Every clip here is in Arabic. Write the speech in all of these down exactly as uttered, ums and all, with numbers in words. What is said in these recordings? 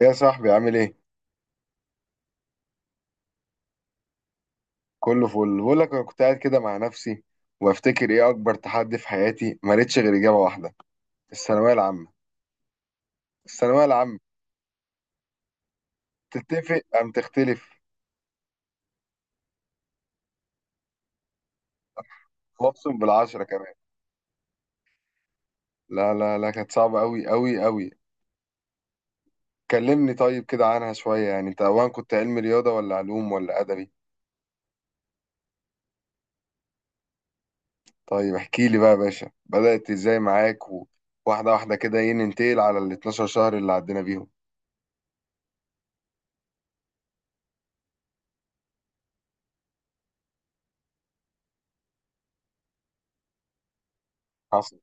يا صاحبي، عامل ايه؟ كله فل. بقول لك انا كنت قاعد كده مع نفسي وافتكر ايه اكبر تحدي في حياتي، ما لقيتش غير اجابه واحده: الثانويه العامه. الثانويه العامه. تتفق ام تختلف؟ وابصم بالعشره كمان. لا لا لا، كانت صعبه قوي قوي قوي. كلمني طيب كده عنها شويه، يعني انت اولا كنت علم رياضه ولا علوم ولا ادبي؟ طيب احكي لي بقى يا باشا، بدات ازاي معاك و- واحده واحده كده، ايه، ننتقل على ال اثنا عشر شهر اللي عدينا بيهم. حصل.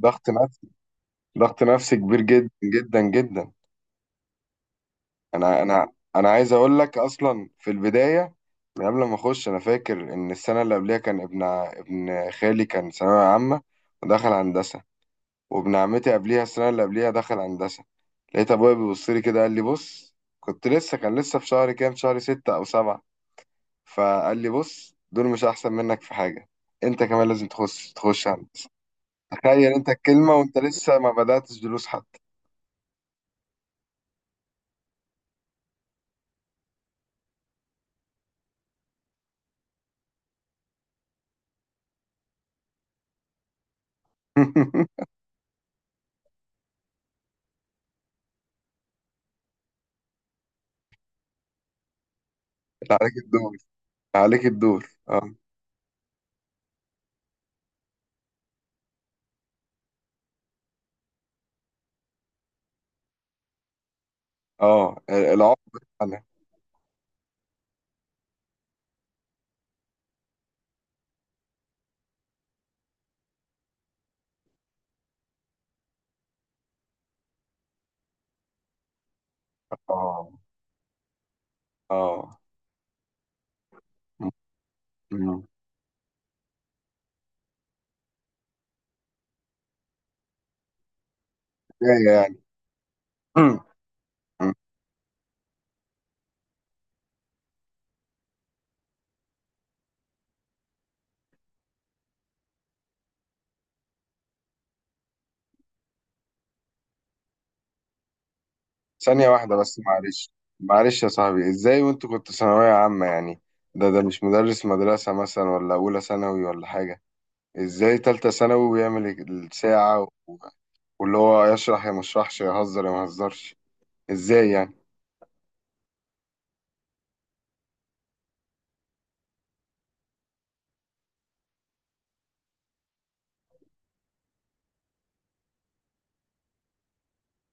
ضغط نفسي، ضغط نفسي كبير جدا جدا جدا. انا انا انا عايز اقول لك اصلا في البدايه، من قبل ما اخش انا فاكر ان السنه اللي قبلها كان ابن ع- ابن خالي كان ثانويه عامه ودخل هندسه. وابن عمتي قبليها، السنه اللي قبليها دخل هندسه. لقيت ابويا بيبص لي كده قال لي: بص، كنت لسه، كان لسه في شهر كام، شهر ستة او سبعة. فقال لي: بص، دول مش احسن منك في حاجه، انت كمان لازم تخش تخش هندسه. تخيل انت الكلمه وانت لسه ما بداتش دروس حتى. عليك الدور، عليك الدور آه. اه، العقد. انا اه اه م- م. ازاي يعني؟ م. ثانية واحدة بس معلش. معلش يا صاحبي، ازاي وانت كنت ثانوية عامة؟ يعني ده ده مش مدرس مدرسة مثلا، ولا أولى ثانوي ولا حاجة. ازاي تالتة ثانوي ويعمل الساعة و- واللي هو يشرح يا مشرحش، يهزر يا مهزرش؟ ازاي يعني؟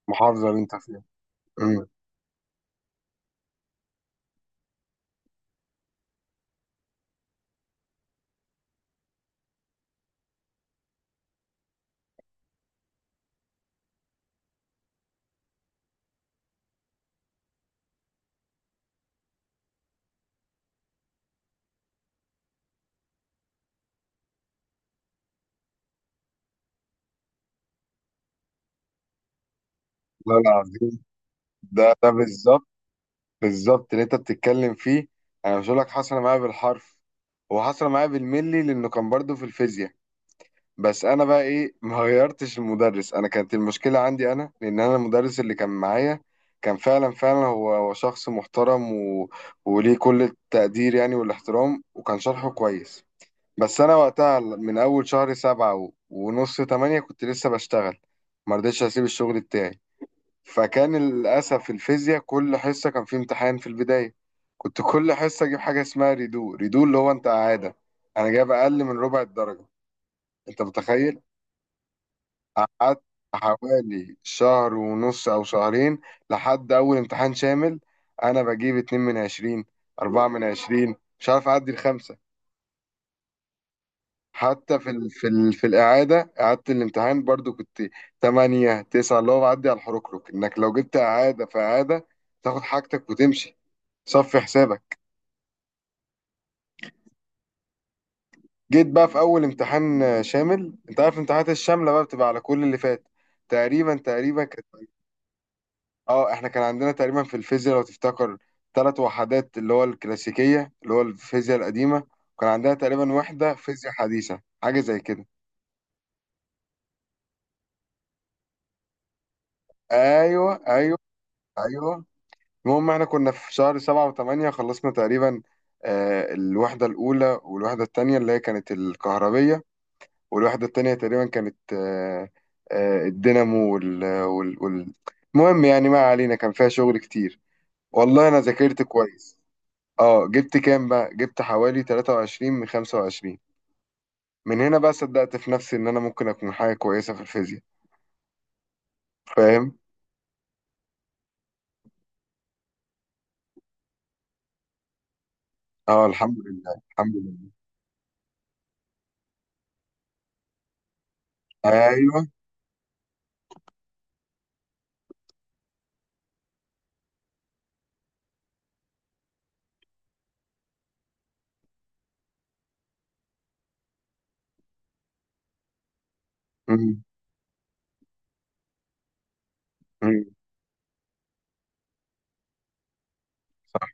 محافظة اللي انت فيها. م. لا العظيم، ده ده بالظبط، بالظبط اللي انت بتتكلم فيه. انا مش هقول لك حصل معايا بالحرف، هو حصل معايا بالملي، لانه كان برضه في الفيزياء. بس انا بقى ايه، ما غيرتش المدرس. انا كانت المشكله عندي انا، لان انا المدرس اللي كان معايا كان فعلا فعلا هو هو شخص محترم و... وليه كل التقدير يعني والاحترام، وكان شرحه كويس. بس انا وقتها من اول شهر سبعة و... ونص تمانية كنت لسه بشتغل، ما رضيتش اسيب الشغل بتاعي. فكان للأسف الفيزياء كل حصة كان في امتحان في البداية، كنت كل حصة أجيب حاجة اسمها ريدو ريدو اللي هو أنت إعادة، أنا جايب أقل من ربع الدرجة. أنت متخيل؟ قعدت حوالي شهر ونص أو شهرين، لحد أول امتحان شامل أنا بجيب اتنين من عشرين، أربعة من عشرين، مش عارف أعدي الخمسة. حتى في ال في ال في الإعادة، إعادة الامتحان برضو كنت تمانية تسعة، اللي هو بعدي على الحركرك إنك لو جبت إعادة في إعادة تاخد حاجتك وتمشي، صفي حسابك. جيت بقى في اول امتحان آه، شامل. انت عارف الامتحانات الشامله بقى بتبقى على كل اللي فات تقريبا. تقريبا كانت، اه احنا كان عندنا تقريبا في الفيزياء لو تفتكر ثلاث وحدات، اللي هو الكلاسيكيه، اللي هو الفيزياء القديمه. وكان عندنا تقريبا وحده فيزياء حديثه حاجه زي كده. ايوه، ايوه، ايوه. المهم احنا كنا في شهر سبعة وثمانية خلصنا تقريبا آه الوحده الاولى والوحده الثانيه اللي هي كانت الكهربيه. والواحدة التانية تقريبا كانت آه، آه، الدينامو وال... وال... وال... المهم يعني ما علينا، كان فيها شغل كتير، والله أنا ذاكرت كويس. اه جبت كام بقى، جبت حوالي تلاتة وعشرين من خمسة وعشرين. من هنا بقى صدقت في نفسي إن أنا ممكن أكون حاجة كويسة في الفيزياء، فاهم. اه، الحمد لله، الحمد لله. أيوه. مم. مم. صح.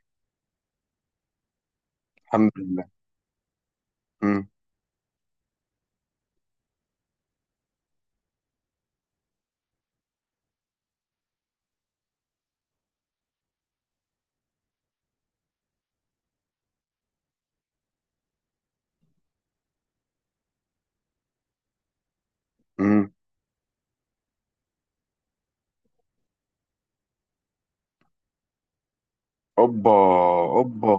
الحمد لله. مم. مم. أوبا، أوبا.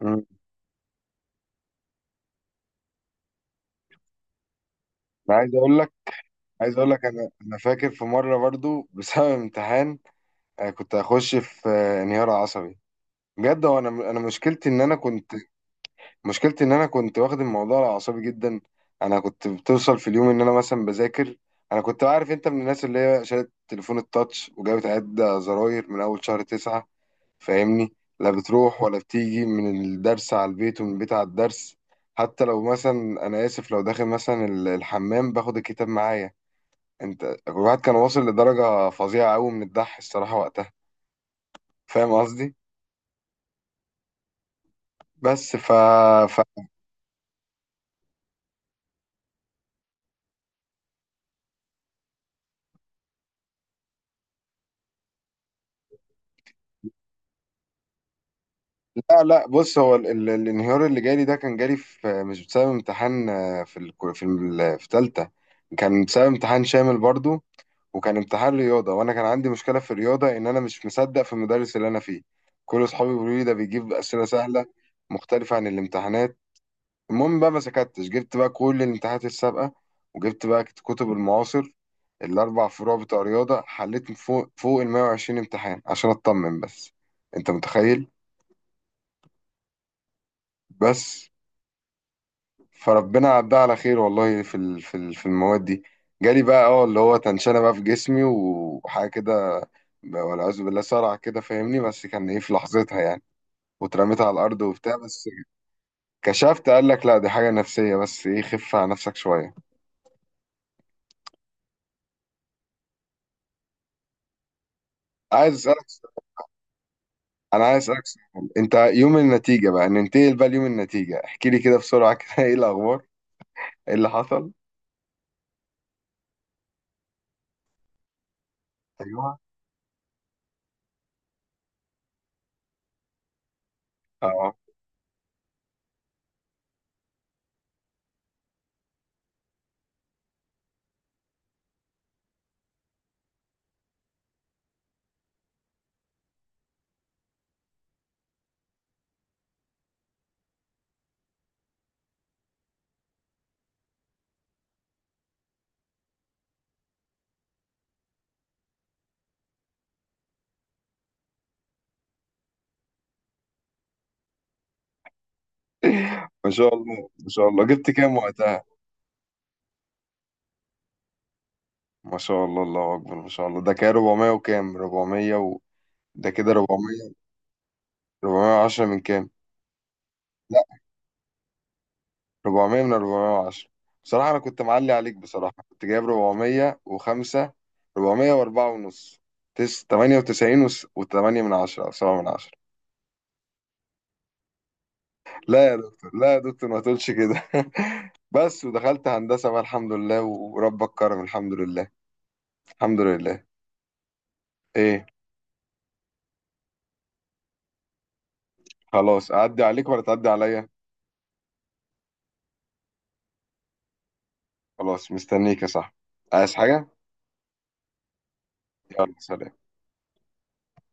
مم. أنا عايز أقول لك، عايز أقول لك أنا أنا فاكر في مرة برضو بسبب امتحان انا كنت هخش في آه، انهيار عصبي، بجد. هو انا انا مشكلتي ان انا كنت مشكلتي ان انا كنت واخد الموضوع على اعصابي جدا. انا كنت بتوصل في اليوم ان انا مثلا بذاكر. انا كنت، عارف انت، من الناس اللي هي شالت تليفون التاتش وجابت عدة زراير من اول شهر تسعة، فاهمني. لا بتروح ولا بتيجي من الدرس على البيت ومن البيت على الدرس، حتى لو مثلا انا اسف لو داخل مثلا ال- الحمام باخد الكتاب معايا. انت الواحد كان واصل لدرجة فظيعة قوي من الدح الصراحة وقتها، فاهم قصدي. بس ف... ف... لا لا بص، هو ال... ال... الانهيار اللي جالي ده كان جالي في مش بسبب امتحان آه، في ال... في ال... في تالتة. كان بسبب امتحان شامل برضو، وكان امتحان رياضة، وانا كان عندي مشكلة في الرياضة ان انا مش مصدق في المدرس اللي انا فيه. كل اصحابي بيقولوا لي ده بيجيب اسئلة سهلة مختلفة عن الامتحانات. المهم بقى ما سكتش، جبت بقى كل الامتحانات السابقة، وجبت بقى كتب المعاصر الاربع فروع بتوع رياضة، حليت فوق فوق ال مائة وعشرين امتحان عشان اطمن بس. انت متخيل؟ بس. فربنا عدها على خير والله، في ال- في ال- في المواد دي. جالي بقى اه اللي هو تنشنة بقى في جسمي وحاجة كده، والعياذ بالله، صرع كده فاهمني، بس كان ايه في لحظتها يعني. واترميت على الأرض وبتاع بس. كشفت قال لك: لا دي حاجة نفسية بس، ايه، خف على نفسك شوية. عايز أسألك سؤال- أنا عايز أسألك سؤال، انت يوم النتيجة بقى، ننتقل بقى ليوم النتيجة، احكي لي كده بسرعة كده ايه الأخبار؟ ايه اللي حصل؟ ايوه. اه ما شاء الله، ما شاء الله، جبت كام وقتها؟ ما شاء الله، الله أكبر، ما شاء الله. ده كده اربعميه وكام؟ اربعميه و... ده كده اربعمائة. اربعميه وعشرة من كام؟ لا، اربعميه من اربعميه وعشرة؟ بصراحة أنا كنت معلي عليك بصراحة، كنت جايب اربعمائة وخمسة، اربعميه واربعة ونص، تس تمنية وتسعين وس... و8 من عشرة أو سبعة من عشرة. لا يا دكتور، لا يا دكتور، ما تقولش كده بس، ودخلت هندسة بقى الحمد لله وربك كرم، الحمد لله، الحمد لله. ايه. خلاص، أعدي عليك ولا تعدي عليا؟ خلاص، مستنيك يا صاحبي، عايز حاجة؟ يلا، سلام.